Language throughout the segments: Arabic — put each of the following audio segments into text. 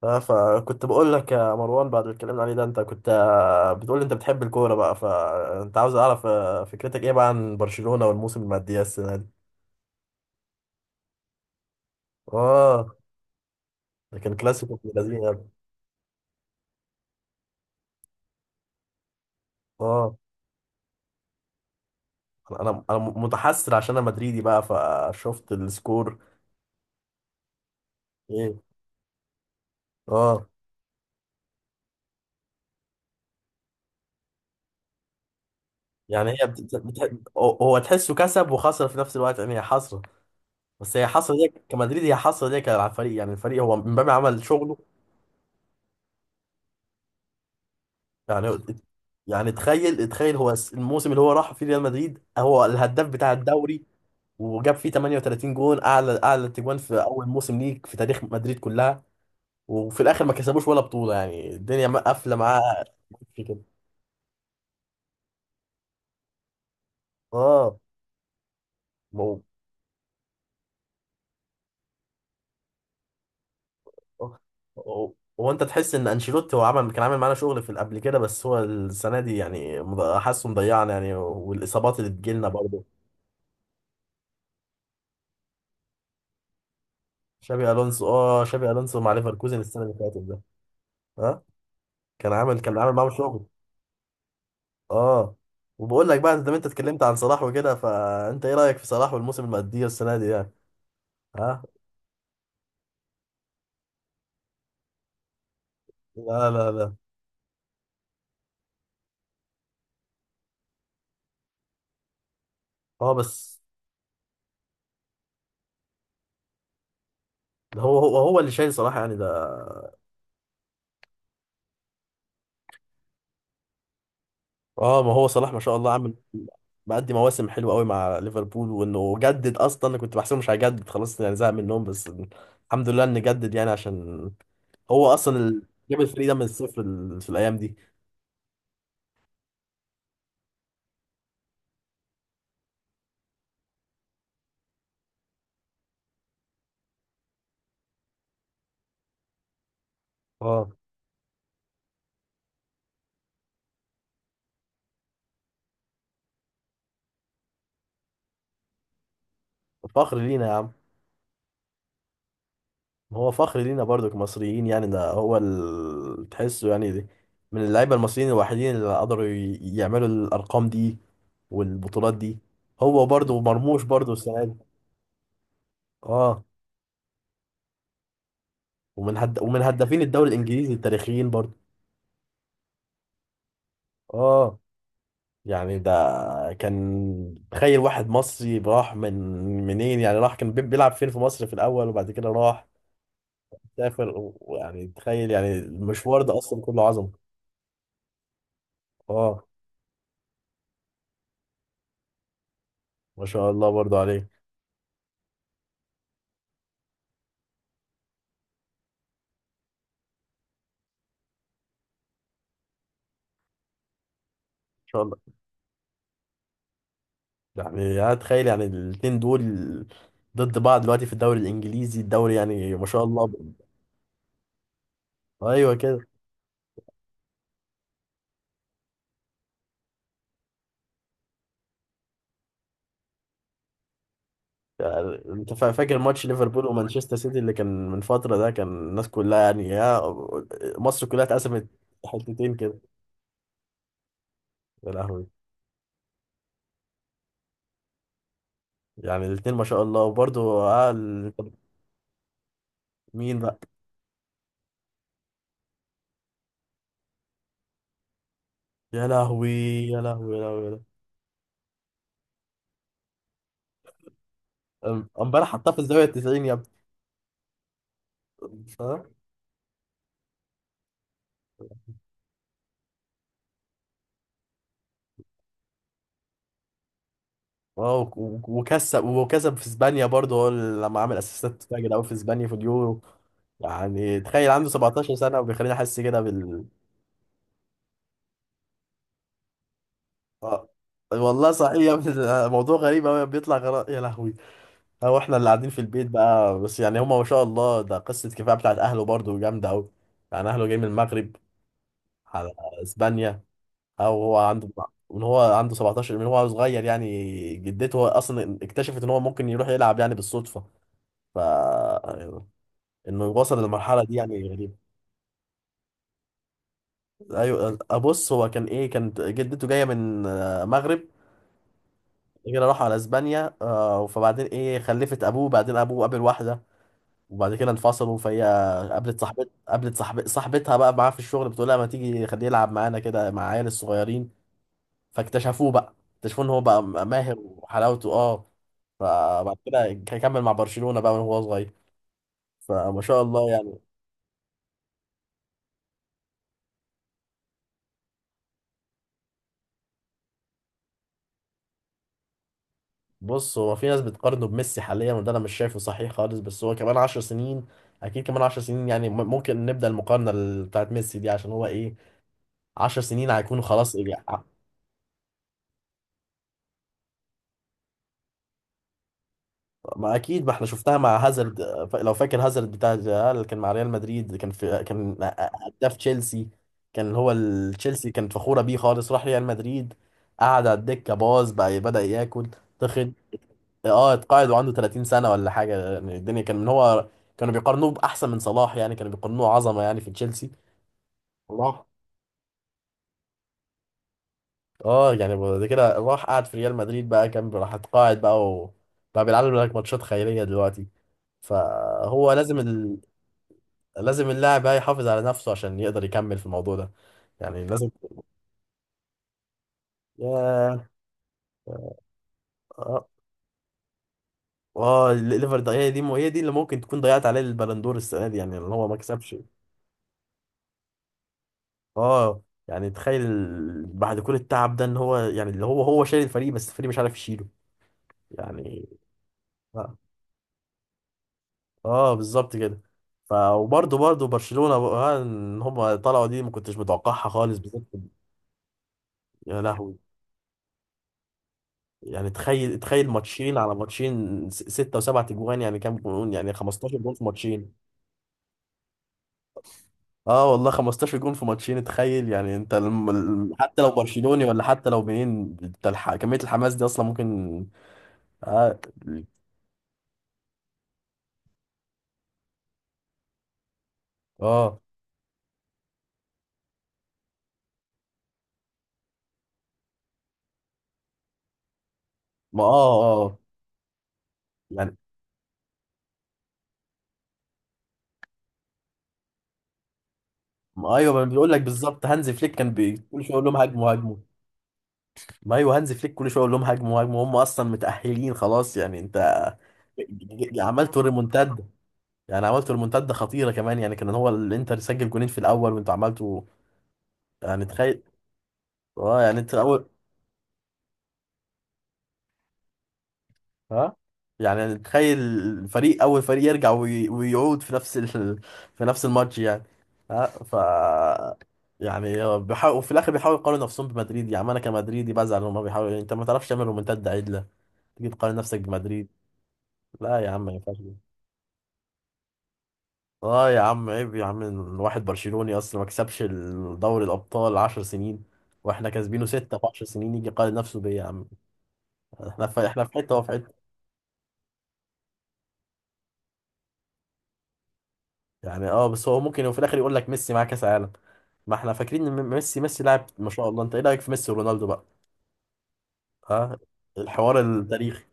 فكنت بقول لك يا مروان بعد اللي اتكلمنا عليه ده انت كنت بتقول لي انت بتحب الكوره بقى فانت عاوز اعرف فكرتك ايه بقى عن برشلونه والموسم المادية السنه دي. اه، ده كان كلاسيكو ابن لذين يا ابني. اه، انا انا أنا متحسر عشان انا مدريدي بقى فشفت السكور. ايه. اه، يعني هي بت... بت... هو هو تحسه كسب وخسر في نفس الوقت يعني هي حسره. بس هي حسره دي كمدريد، هي حسره دي على الفريق يعني الفريق هو مبابي عمل شغله. يعني يعني تخيل هو الموسم اللي هو راح فيه ريال مدريد هو الهداف بتاع الدوري وجاب فيه 38 جون، اعلى تجوان في اول موسم ليك في تاريخ مدريد كلها. وفي الاخر ما كسبوش ولا بطولة يعني الدنيا قافلة معاه. في كده. اه. ما هو هو هو انت تحس ان انشيلوتي هو كان عامل معانا شغل في قبل كده بس هو السنة دي يعني حاسه مضيعنا يعني، والاصابات اللي بتجيلنا برضه. شابي الونسو. اه، شابي الونسو مع ليفركوزن السنة اللي فاتت ده. ها. كان عامل معاهم شغل. اه. وبقول لك بقى انت اتكلمت عن صلاح وكده فانت ايه رايك في صلاح والموسم اللي مأديه السنه دي يعني. ها. لا لا لا. اه بس هو هو اللي شايل صلاح يعني ده. اه. ما هو صلاح ما شاء الله عامل، مأدي مواسم حلوه قوي مع ليفربول، وانه جدد اصلا. انا كنت بحسبه مش هيجدد خلاص يعني زهق منهم، بس الحمد لله انه جدد يعني عشان هو اصلا اللي جاب الفريق ده من الصفر في الايام دي. اه. فخر لينا يا عم. هو فخر لينا برضو كمصريين، يعني ده هو تحسه يعني دي من اللعيبة المصريين الوحيدين اللي قدروا يعملوا الأرقام دي والبطولات دي. هو برضو مرموش برضو السنة دي. اه. ومن هدافين الدوري الإنجليزي التاريخيين برضو. اه. يعني ده كان تخيل واحد مصري راح من منين يعني راح كان بيلعب فين في مصر في الأول وبعد كده راح سافر ويعني تخيل يعني المشوار ده أصلا كله عظمة. اه ما شاء الله برضو عليه ان شاء الله. يعني انا اتخيل يعني الاتنين دول ضد بعض دلوقتي في الدوري الانجليزي الدوري يعني ما شاء الله. ايوه كده. يعني انت فاكر ماتش ليفربول ومانشستر سيتي اللي كان من فتره ده؟ كان الناس كلها يعني يا، مصر كلها اتقسمت حتتين كده. يا لهوي. يعني الاتنين ما شاء الله. وبرضه آه طب مين بقى؟ يا لهوي، يا لهوي، يا لهوي، يا لهوي. امبارح حطها في الزاويه 90 يا ابني. اه وكسب وكسب في اسبانيا برضه هو اللي لما عمل اسيستات فاجر قوي في اسبانيا في اليورو. يعني تخيل عنده 17 سنه وبيخليني احس كده بال. اه والله صحيح يا ابني. موضوع غريب قوي بيطلع يا لهوي. هو احنا اللي قاعدين في البيت بقى، بس يعني هما ما شاء الله ده قصه كفايه بتاعت اهله برضه جامده قوي. يعني اهله جاي من المغرب على اسبانيا. او هو عنده من هو عنده 17، من هو صغير يعني جدته اصلا اكتشفت ان هو ممكن يروح يلعب يعني بالصدفه. ف انه وصل للمرحله دي يعني غريبه. ايوه ابص هو كان ايه، كانت جدته جايه من المغرب، كده راحوا على اسبانيا. فبعدين ايه خلفت ابوه بعدين ابوه قابل واحده وبعد كده انفصلوا. فهي قابلت صاحب صاحبتها بقى معاه في الشغل، بتقول لها ما تيجي خليه يلعب معانا كده مع عيال الصغيرين. فاكتشفوه بقى ان هو بقى ماهر وحلاوته. اه. فبعد كده كمل مع برشلونه بقى وهو صغير. فما شاء الله يعني. بص هو في ناس بتقارنه بميسي حاليا، وده انا مش شايفه صحيح خالص، بس هو كمان عشر سنين اكيد كمان عشر سنين يعني ممكن نبدأ المقارنة بتاعت ميسي دي عشان هو ايه. عشر سنين هيكونوا خلاص إيه ما اكيد، ما احنا شفتها مع هازارد. لو فاكر هازارد بتاع الريال كان مع ريال مدريد كان في، كان هداف تشيلسي، كان هو تشيلسي كانت فخورة بيه خالص. راح ريال مدريد قعد على الدكة، باظ بقى، بدأ ياكل، تخن. اه اتقاعد وعنده 30 سنة ولا حاجة يعني الدنيا. كان من هو كانوا بيقارنوه بأحسن من صلاح يعني، كانوا بيقارنوه عظمة يعني في تشيلسي. الله. اه يعني بعد كده راح قعد في ريال مدريد بقى، كان راح اتقاعد بقى وبقى بيلعب لك ماتشات خيرية دلوقتي. فهو لازم لازم اللاعب بقى يحافظ على نفسه عشان يقدر يكمل في الموضوع ده. يعني لازم. ياه. اه. الليفر ده هي دي هي دي اللي ممكن تكون ضيعت عليه البلندور السنة دي يعني اللي هو ما كسبش. اه. يعني تخيل بعد كل التعب ده ان هو يعني اللي هو شايل الفريق بس الفريق مش عارف يشيله يعني. اه. بالظبط كده. ف وبرضه برشلونة بقى ان هم طلعوا دي ما كنتش متوقعها خالص بالذات يا لهوي. يعني تخيل ماتشين على ماتشين، ستة وسبعة اجوان يعني كام جون، يعني 15 جون في ماتشين. اه والله 15 جون في ماتشين تخيل. يعني انت حتى لو برشلوني ولا حتى لو منين انت كمية الحماس دي اصلا ممكن. اه. اه. ما اه اه آه. يعني. ما ايوه ما بيقول لك بالظبط، هانز فليك كان كل شويه يقول لهم هاجموا هاجموا. ما ايوه هانز فليك كل شويه يقول لهم هاجموا هاجموا، هم اصلا متاهلين خلاص يعني انت. عملتوا ريمونتادا. يعني عملتوا ريمونتادا خطيره كمان يعني، كان هو الانتر سجل جونين في الاول وانتوا عملتوا. يعني تخيل. اه يعني انت اول. ها. يعني تخيل فريق، اول فريق يرجع ويعود في نفس في نفس الماتش يعني. ها ف. يعني هو بيحاول، وفي الاخر بيحاولوا يقارنوا نفسهم بمدريد يعني. انا كمدريدي بزعل هما بيحاولوا يعني. انت ما تعرفش تعمل رومنتاد عدله تيجي تقارن نفسك بمدريد. لا يا عم ما ينفعش كده. اه يا عم عيب يا عم، الواحد برشلوني اصلا ما كسبش دوري الابطال 10 سنين، واحنا كاسبينه ستة في 10 سنين يجي يقارن نفسه بيا يا عم. احنا في، احنا في حته وهو في حته يعني. اه بس هو ممكن في الاخر يقول لك ميسي معاه كاس عالم. ما احنا فاكرين ان ميسي. ميسي لاعب ما شاء الله. انت ايه رايك في ميسي ورونالدو بقى؟ ها. الحوار التاريخي.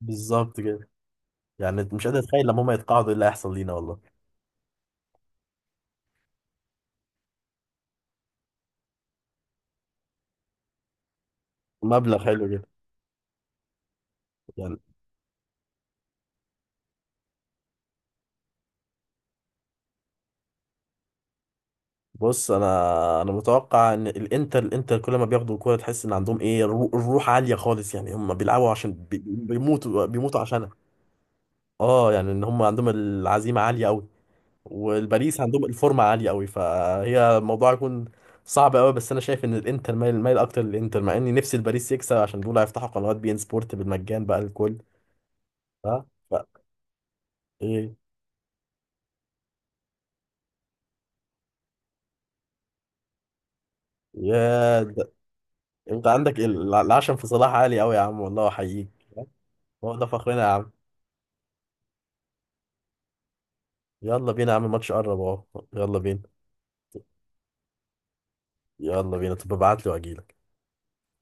بالظبط كده. يعني انت مش قادر اتخيل لما هم يتقاعدوا ايه اللي هيحصل لينا والله. مبلغ حلو جدا. يعني بص انا، انا متوقع ان الانتر، الانتر كل ما بياخدوا الكوره تحس ان عندهم ايه الروح عاليه خالص يعني هم بيلعبوا عشان بيموتوا بيموتوا عشانها. اه يعني ان هم عندهم العزيمه عاليه قوي، والباريس عندهم الفورمه عاليه قوي فهي الموضوع يكون صعب قوي. بس انا شايف ان الانتر مايل، مايل اكتر للانتر، مع اني نفسي الباريس يكسب عشان دول هيفتحوا قنوات بي ان سبورت بالمجان بقى الكل. ها ف... ايه يا. انت عندك العشم في صلاح عالي قوي يا عم، والله احييك. هو ده فخرنا يا عم. يلا بينا يا عم الماتش قرب اهو. يلا بينا. يلا بينا، طب ابعت لي واجيلك.